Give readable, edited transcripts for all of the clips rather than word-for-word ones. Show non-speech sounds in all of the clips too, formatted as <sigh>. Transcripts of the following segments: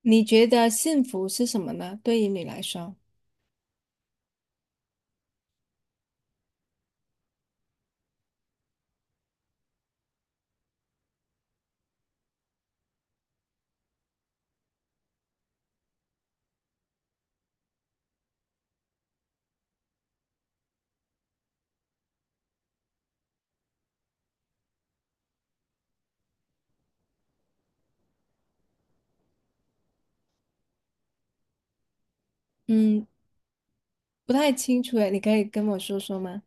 你觉得幸福是什么呢？对于你来说，嗯，不太清楚诶，你可以跟我说说吗？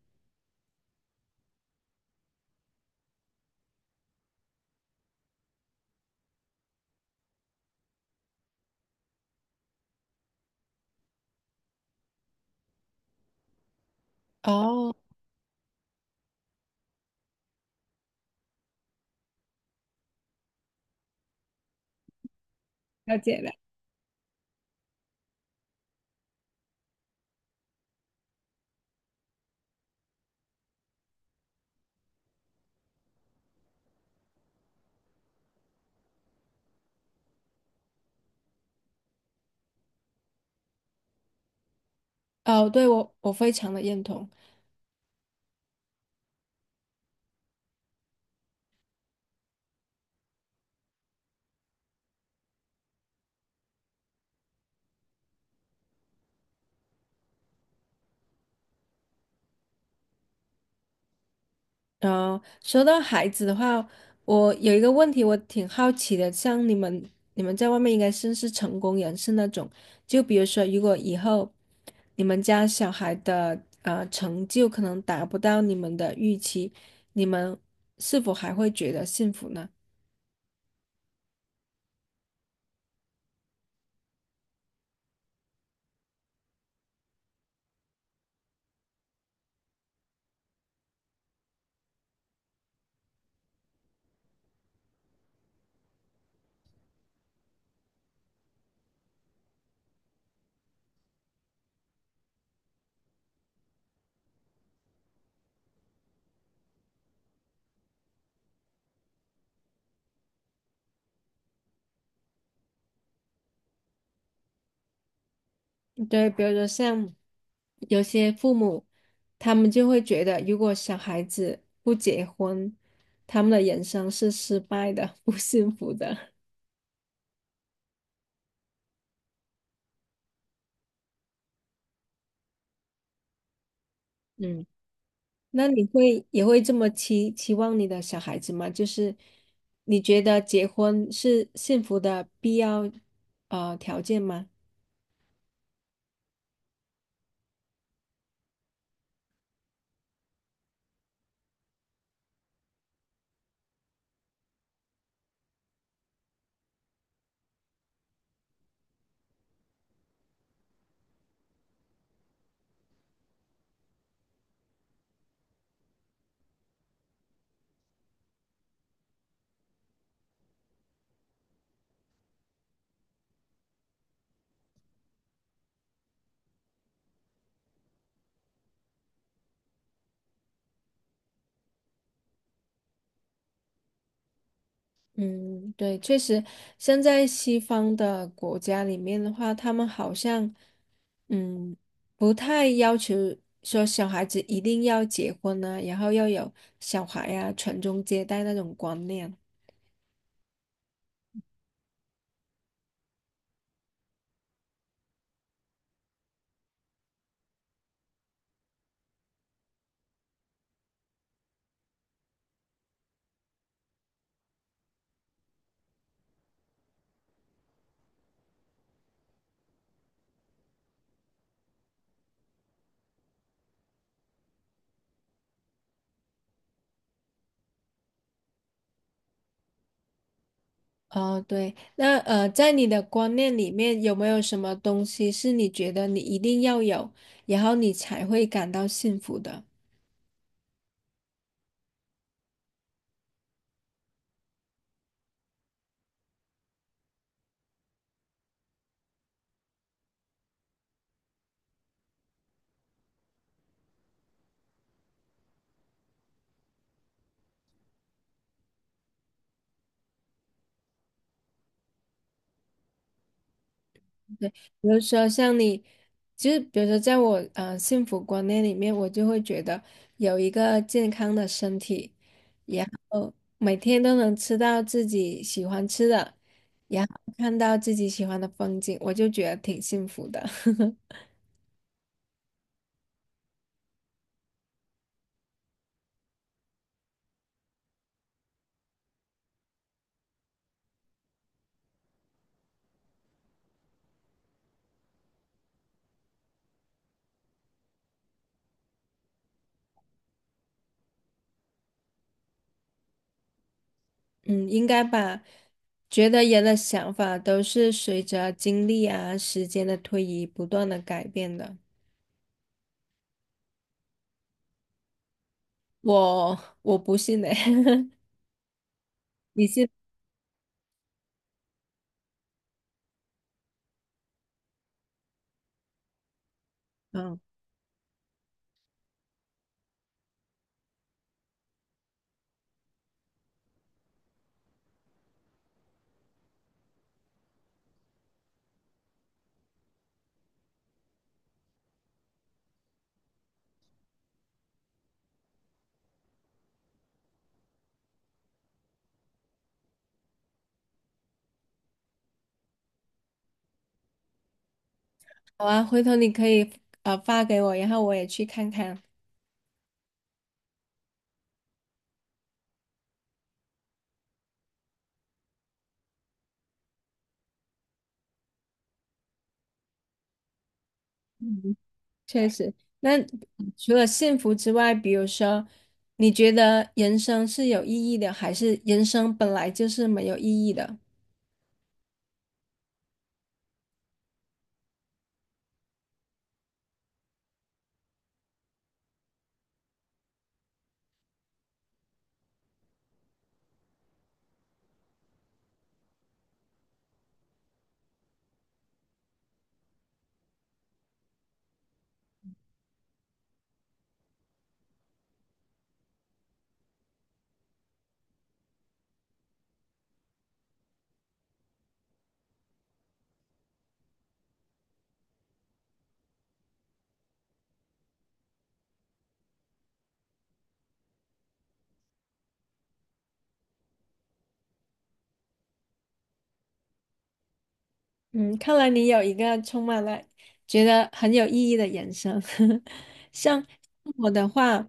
哦，了解了。哦，对，我非常的认同。然说到孩子的话，我有一个问题，我挺好奇的，像你们你们在外面应该算是成功人士那种，就比如说，如果以后你们家小孩的成就可能达不到你们的预期，你们是否还会觉得幸福呢？对，比如说像有些父母，他们就会觉得，如果小孩子不结婚，他们的人生是失败的，<laughs> 不幸福的。嗯。<laughs> 那你会也会这么期望你的小孩子吗？就是你觉得结婚是幸福的必要条件吗？嗯，对，确实，现在西方的国家里面的话，他们好像，嗯，不太要求说小孩子一定要结婚呢、然后要有小孩呀、传宗接代那种观念。哦，对，那，在你的观念里面，有没有什么东西是你觉得你一定要有，然后你才会感到幸福的？比如说像你，就是比如说在我幸福观念里面，我就会觉得有一个健康的身体，然后每天都能吃到自己喜欢吃的，然后看到自己喜欢的风景，我就觉得挺幸福的。<laughs> 嗯，应该吧。觉得人的想法都是随着经历啊、时间的推移不断的改变的。我不信呢、<laughs> 你信？嗯。好啊，回头你可以发给我，然后我也去看看。嗯，确实，那除了幸福之外，比如说，你觉得人生是有意义的，还是人生本来就是没有意义的？嗯，看来你有一个充满了觉得很有意义的人生。<laughs> 像我的话，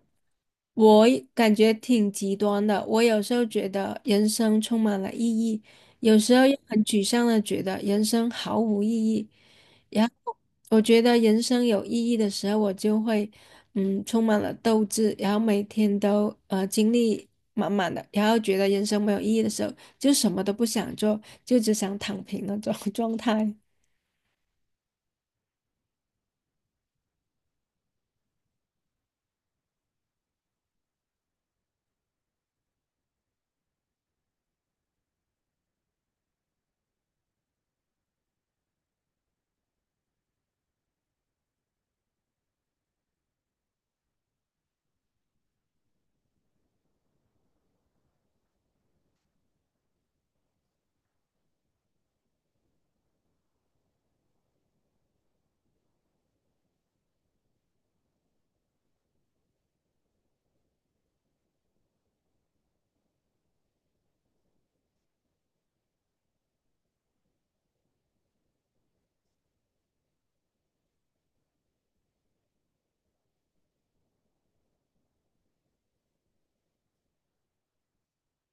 我也感觉挺极端的。我有时候觉得人生充满了意义，有时候又很沮丧的觉得人生毫无意义。然后我觉得人生有意义的时候，我就会充满了斗志，然后每天都精力满满的。然后觉得人生没有意义的时候。就什么都不想，做，就只想躺平那种 <laughs> 状态。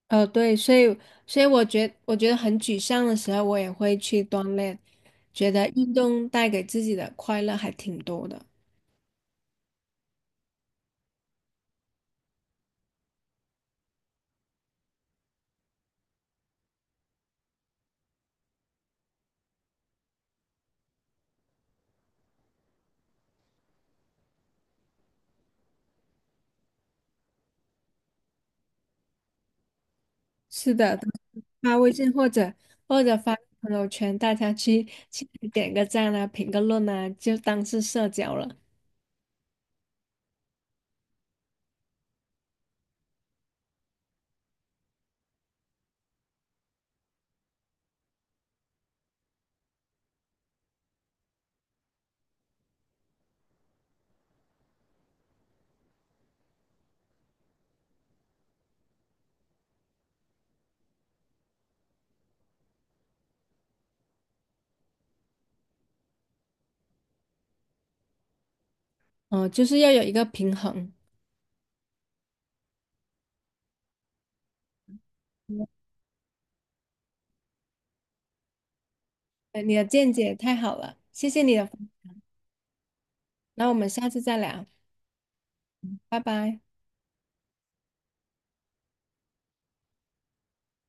对，所以我觉得很沮丧的时候，我也会去锻炼，觉得运动带给自己的快乐还挺多的。是的，发微信或者或者发朋友圈，大家去去点个赞啊，评个论啊，就当是社交了。嗯、就是要有一个平衡。嗯你的见解太好了，谢谢你的分享那我们下次再聊，拜拜。